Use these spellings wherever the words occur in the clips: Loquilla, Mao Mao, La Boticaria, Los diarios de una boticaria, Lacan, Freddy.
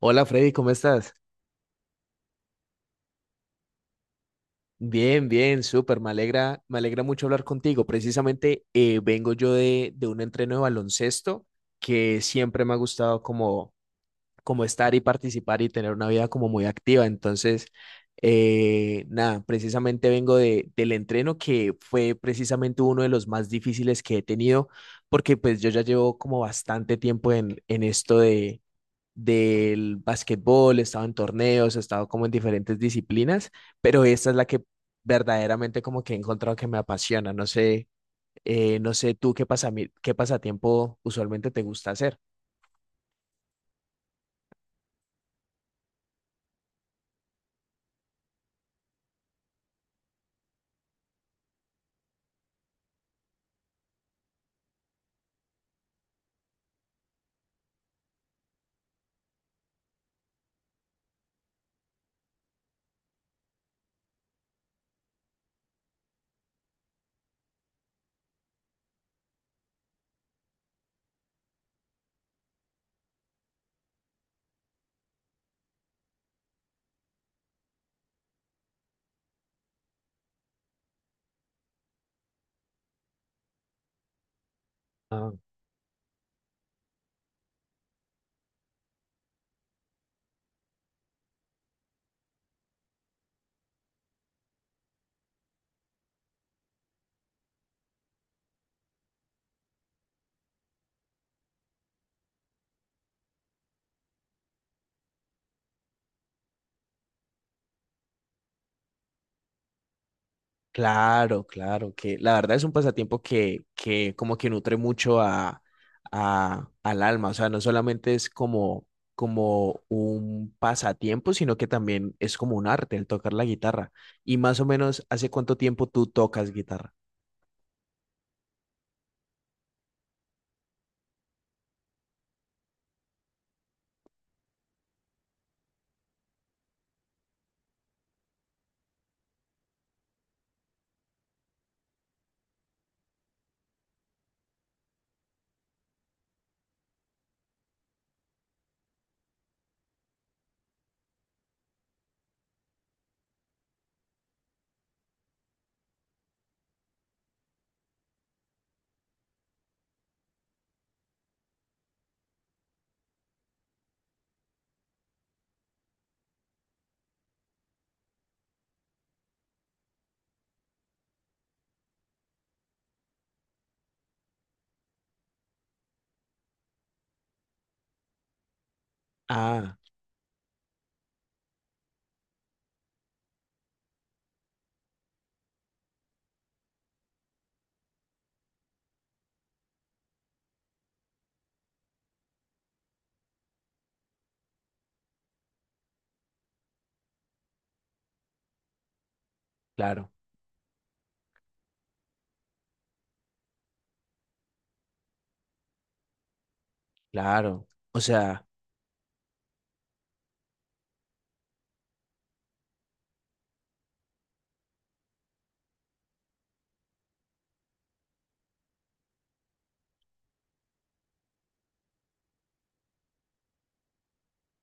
Hola, Freddy, ¿cómo estás? Bien, bien, súper. Me alegra mucho hablar contigo. Precisamente vengo yo de un entreno de baloncesto que siempre me ha gustado como, como estar y participar y tener una vida como muy activa. Entonces, nada, precisamente vengo del entreno que fue precisamente uno de los más difíciles que he tenido, porque pues yo ya llevo como bastante tiempo en esto del básquetbol. He estado en torneos, he estado como en diferentes disciplinas, pero esta es la que verdaderamente como que he encontrado que me apasiona. No sé, no sé tú qué qué pasatiempo usualmente te gusta hacer. Ah, claro, claro, que la verdad es un pasatiempo que como que nutre mucho a, al alma, o sea, no solamente es como, como un pasatiempo, sino que también es como un arte el tocar la guitarra. Y más o menos, ¿hace cuánto tiempo tú tocas guitarra? Ah, claro, claro. O sea,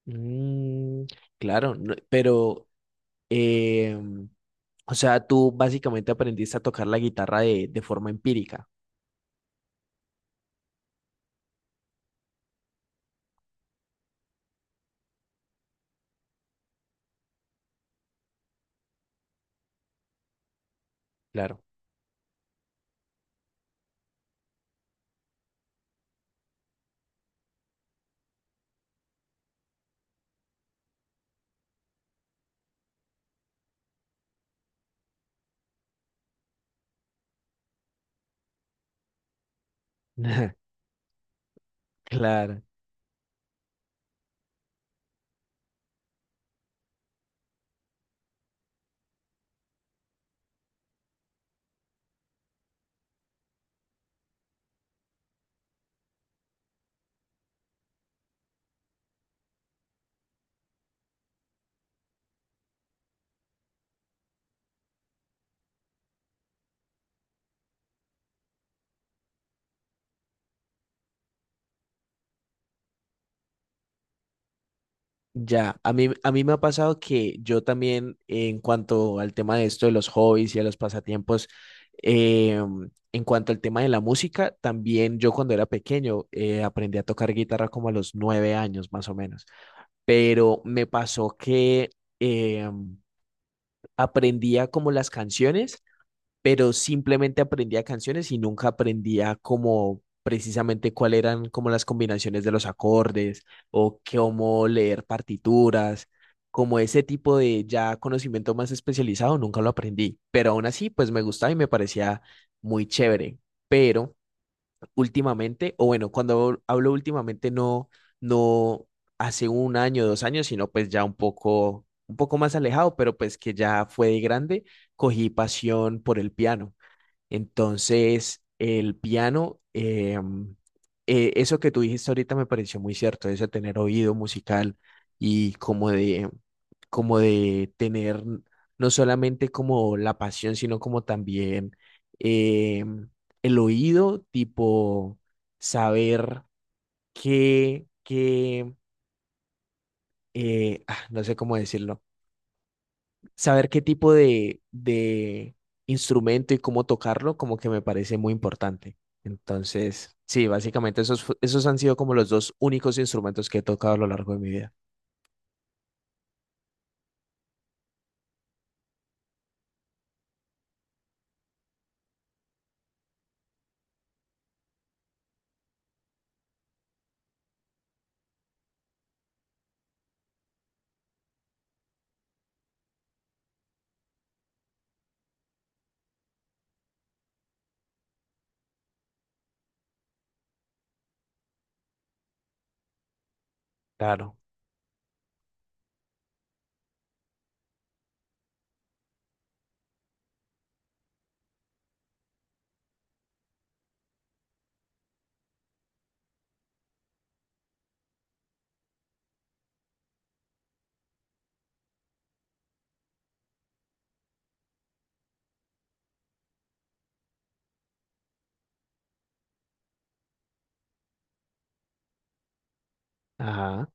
mm, claro, no, pero, em, o sea, tú básicamente aprendiste a tocar la guitarra de forma empírica, claro. Claro, ya. A mí me ha pasado que yo también, en cuanto al tema de esto de los hobbies y de los pasatiempos, en cuanto al tema de la música, también yo cuando era pequeño aprendí a tocar guitarra como a los 9 años, más o menos. Pero me pasó que eh, aprendía como las canciones, pero simplemente aprendía canciones y nunca aprendía como precisamente cuáles eran como las combinaciones de los acordes o cómo leer partituras, como ese tipo de ya conocimiento más especializado. Nunca lo aprendí, pero aún así pues me gustaba y me parecía muy chévere, pero últimamente, o bueno, cuando hablo últimamente, no, no hace un año, dos años, sino pues ya un poco más alejado, pero pues que ya fue de grande, cogí pasión por el piano. Entonces, el piano, eso que tú dijiste ahorita me pareció muy cierto, eso de tener oído musical y como de tener no solamente como la pasión, sino como también, em, el oído, tipo saber qué, qué, no sé cómo decirlo, saber qué tipo de instrumento y cómo tocarlo, como que me parece muy importante. Entonces, sí, básicamente esos, esos han sido como los dos únicos instrumentos que he tocado a lo largo de mi vida. Claro. Ajá.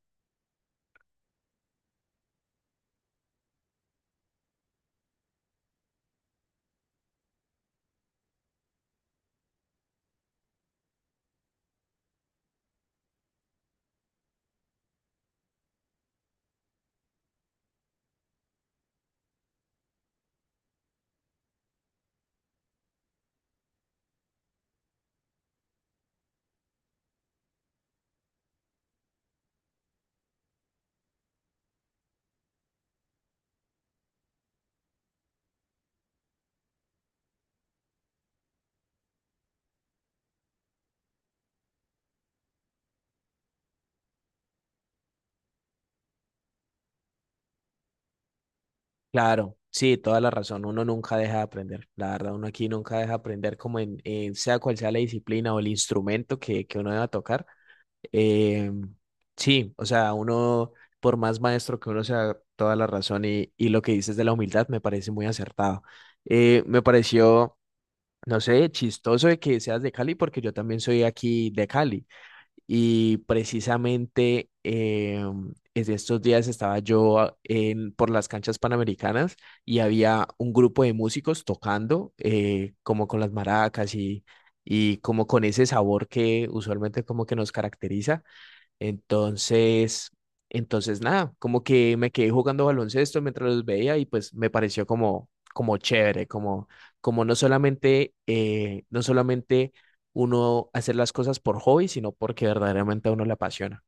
Claro. Sí, toda la razón. Uno nunca deja de aprender. La verdad, uno aquí nunca deja de aprender como en sea cual sea la disciplina o el instrumento que uno deba tocar. Eh, sí, o sea, uno, por más maestro que uno sea, toda la razón, y lo que dices de la humildad me parece muy acertado. Me pareció, no sé, chistoso de que seas de Cali porque yo también soy aquí de Cali, y precisamente es de estos días estaba yo en, por las canchas panamericanas, y había un grupo de músicos tocando como con las maracas y como con ese sabor que usualmente como que nos caracteriza. Entonces, entonces nada, como que me quedé jugando baloncesto mientras los veía y pues me pareció como, como chévere, como, como no solamente, no solamente uno hacer las cosas por hobby, sino porque verdaderamente a uno le apasiona.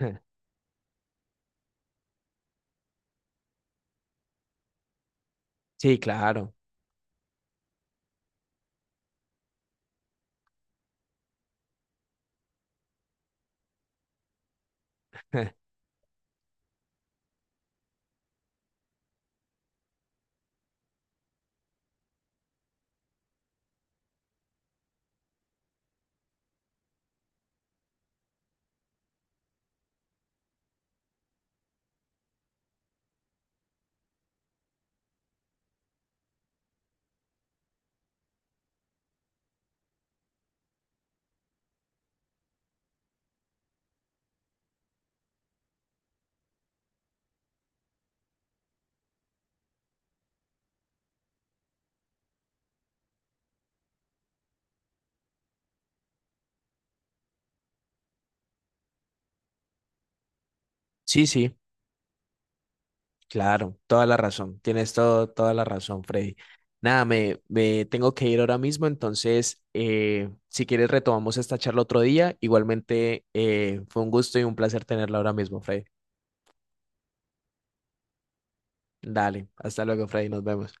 Sí, claro. Sí, sí. Claro, toda la razón. Tienes todo, toda la razón, Freddy. Nada, me tengo que ir ahora mismo, entonces, si quieres, retomamos esta charla otro día. Igualmente, fue un gusto y un placer tenerla ahora mismo, Freddy. Dale, hasta luego, Freddy, nos vemos.